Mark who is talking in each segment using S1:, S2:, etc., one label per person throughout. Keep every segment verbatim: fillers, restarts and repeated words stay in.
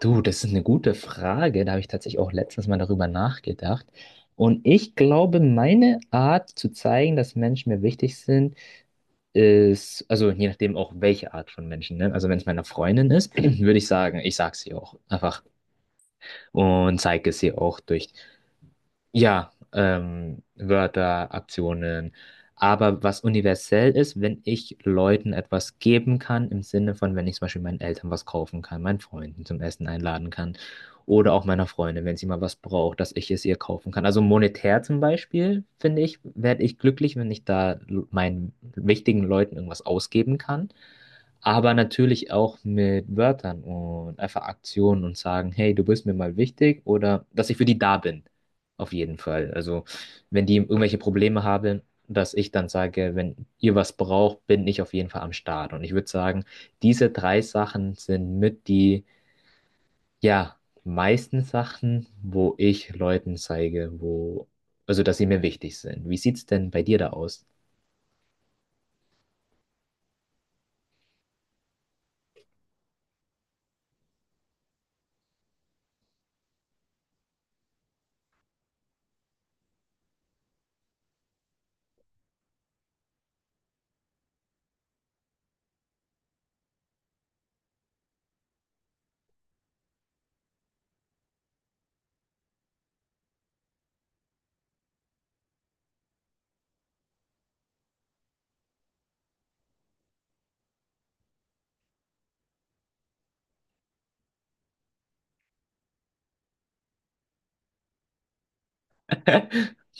S1: Du, das ist eine gute Frage. Da habe ich tatsächlich auch letztens mal darüber nachgedacht. Und ich glaube, meine Art zu zeigen, dass Menschen mir wichtig sind, ist, also je nachdem auch welche Art von Menschen, ne? Also wenn es meiner Freundin ist, würde ich sagen, ich sage es ihr auch einfach und zeige es ihr auch durch ja, ähm, Wörter, Aktionen. Aber was universell ist, wenn ich Leuten etwas geben kann, im Sinne von, wenn ich zum Beispiel meinen Eltern was kaufen kann, meinen Freunden zum Essen einladen kann oder auch meiner Freundin, wenn sie mal was braucht, dass ich es ihr kaufen kann. Also monetär zum Beispiel, finde ich, werde ich glücklich, wenn ich da l- meinen wichtigen Leuten irgendwas ausgeben kann. Aber natürlich auch mit Wörtern und einfach Aktionen und sagen, hey, du bist mir mal wichtig oder dass ich für die da bin. Auf jeden Fall. Also, wenn die irgendwelche Probleme haben, dass ich dann sage, wenn ihr was braucht, bin ich auf jeden Fall am Start. Und ich würde sagen, diese drei Sachen sind mit die, ja, meisten Sachen, wo ich Leuten zeige, wo, also, dass sie mir wichtig sind. Wie sieht's denn bei dir da aus?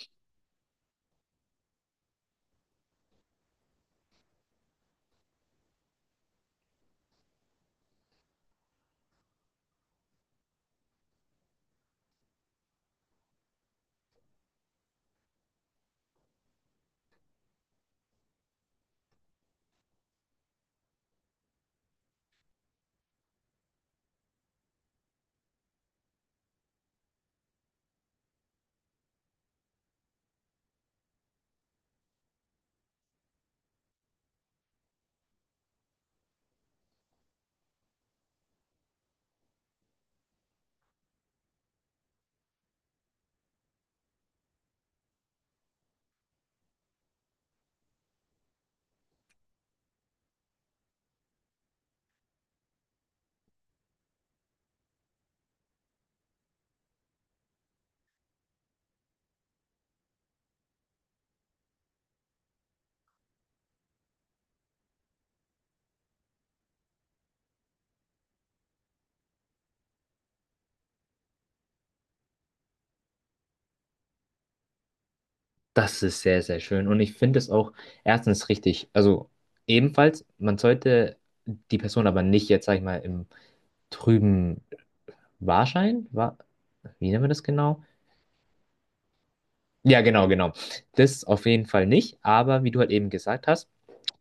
S1: Das ist sehr, sehr schön. Und ich finde es auch erstens richtig. Also ebenfalls, man sollte die Person aber nicht jetzt, sag ich mal, im Trüben Wahrschein? War, wie nennen wir das genau? Ja, genau, genau. Das auf jeden Fall nicht, aber wie du halt eben gesagt hast,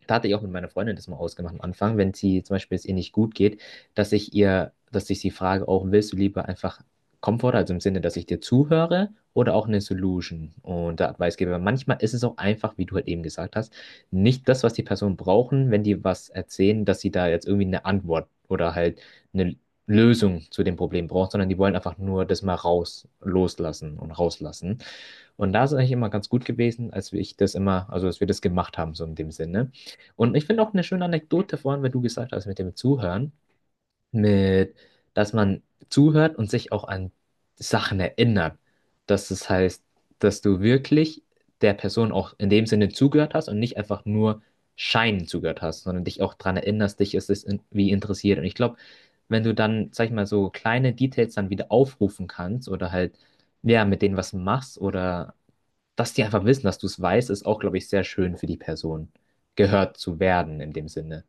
S1: da hatte ich auch mit meiner Freundin das mal ausgemacht am Anfang, wenn sie zum Beispiel es ihr nicht gut geht, dass ich ihr, dass ich sie frage, auch willst du lieber einfach Komfort, also im Sinne, dass ich dir zuhöre oder auch eine Solution und da der Advicegeber. Manchmal ist es auch einfach, wie du halt eben gesagt hast, nicht das, was die Personen brauchen, wenn die was erzählen, dass sie da jetzt irgendwie eine Antwort oder halt eine Lösung zu dem Problem brauchen, sondern die wollen einfach nur das mal raus, loslassen und rauslassen. Und da ist es eigentlich immer ganz gut gewesen, als wir ich das immer, also als wir das gemacht haben, so in dem Sinne. Und ich finde auch eine schöne Anekdote vorhin, weil du gesagt hast, mit dem Zuhören, mit, dass man zuhört und sich auch an Sachen erinnert. Dass das heißt, dass du wirklich der Person auch in dem Sinne zugehört hast und nicht einfach nur scheinend zugehört hast, sondern dich auch daran erinnerst, dich ist es irgendwie interessiert. Und ich glaube, wenn du dann, sag ich mal, so kleine Details dann wieder aufrufen kannst oder halt, ja, mit denen was machst oder dass die einfach wissen, dass du es weißt, ist auch, glaube ich, sehr schön für die Person, gehört zu werden in dem Sinne.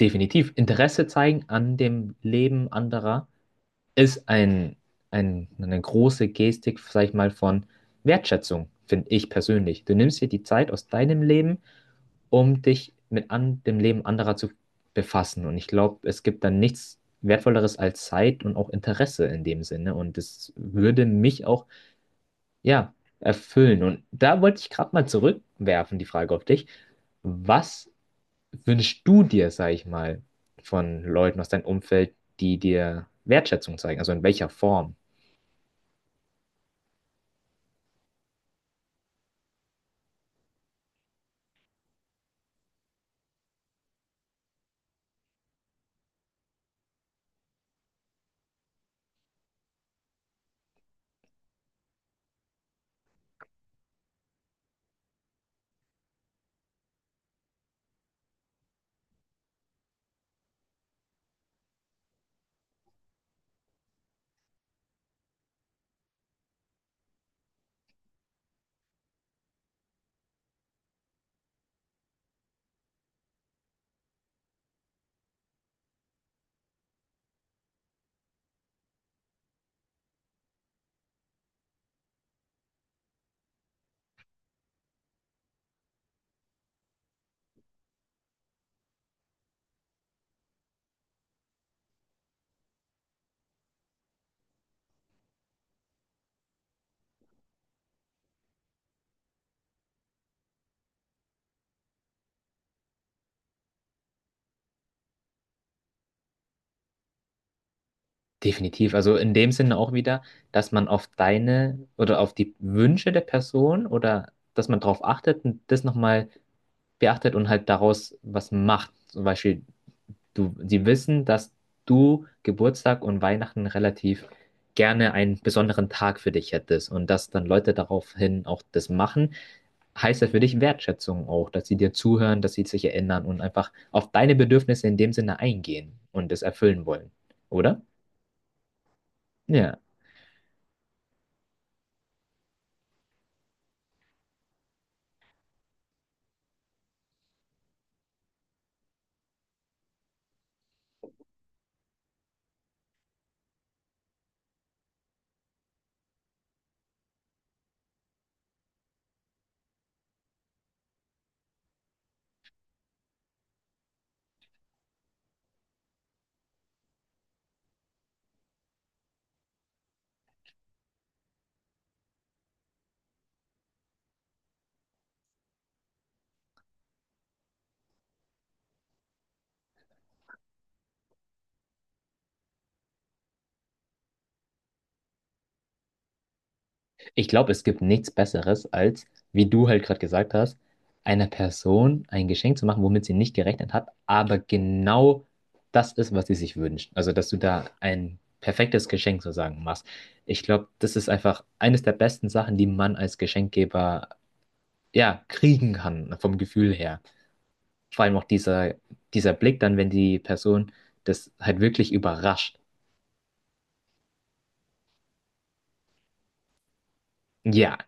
S1: Definitiv. Interesse zeigen an dem Leben anderer ist ein, ein, eine große Gestik, sag ich mal, von Wertschätzung, finde ich persönlich. Du nimmst dir die Zeit aus deinem Leben, um dich mit an, dem Leben anderer zu befassen. Und ich glaube, es gibt dann nichts Wertvolleres als Zeit und auch Interesse in dem Sinne. Und das würde mich auch ja, erfüllen. Und da wollte ich gerade mal zurückwerfen, die Frage auf dich. Was wünschst du dir, sag ich mal, von Leuten aus deinem Umfeld, die dir Wertschätzung zeigen? Also in welcher Form? Definitiv. Also in dem Sinne auch wieder, dass man auf deine oder auf die Wünsche der Person oder dass man darauf achtet und das nochmal beachtet und halt daraus was macht. Zum Beispiel Du, sie wissen, dass du Geburtstag und Weihnachten relativ gerne einen besonderen Tag für dich hättest und dass dann Leute daraufhin auch das machen, heißt das für dich Wertschätzung auch, dass sie dir zuhören, dass sie sich erinnern und einfach auf deine Bedürfnisse in dem Sinne eingehen und es erfüllen wollen, oder? Ja. Ich glaube, es gibt nichts Besseres, als, wie du halt gerade gesagt hast, einer Person ein Geschenk zu machen, womit sie nicht gerechnet hat, aber genau das ist, was sie sich wünscht. Also, dass du da ein perfektes Geschenk sozusagen machst. Ich glaube, das ist einfach eines der besten Sachen, die man als Geschenkgeber ja kriegen kann, vom Gefühl her. Vor allem auch dieser, dieser Blick dann, wenn die Person das halt wirklich überrascht. Ja.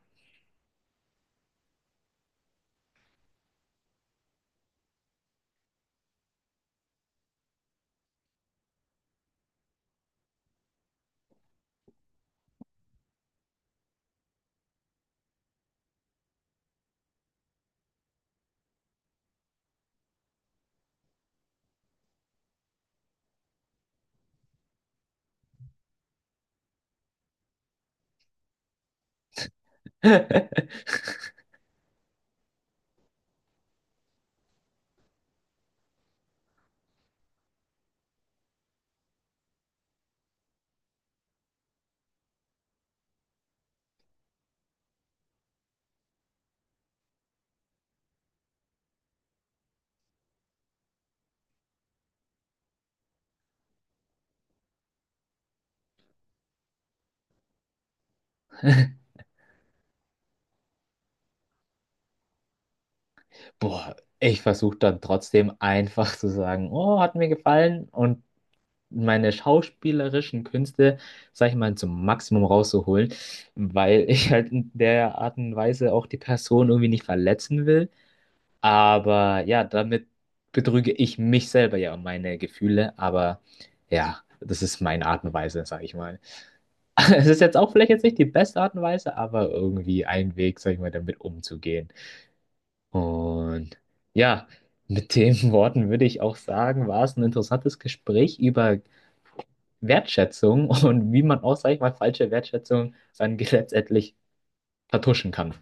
S1: Boah, ich versuche dann trotzdem einfach zu sagen, oh, hat mir gefallen und meine schauspielerischen Künste, sag ich mal, zum Maximum rauszuholen, weil ich halt in der Art und Weise auch die Person irgendwie nicht verletzen will. Aber ja, damit betrüge ich mich selber ja um meine Gefühle, aber ja, das ist meine Art und Weise, sag ich mal. Es ist jetzt auch vielleicht jetzt nicht die beste Art und Weise, aber irgendwie ein Weg, sag ich mal, damit umzugehen. Und ja, mit den Worten würde ich auch sagen, war es ein interessantes Gespräch über Wertschätzung und wie man auch, sag ich mal, falsche Wertschätzung dann letztendlich vertuschen kann.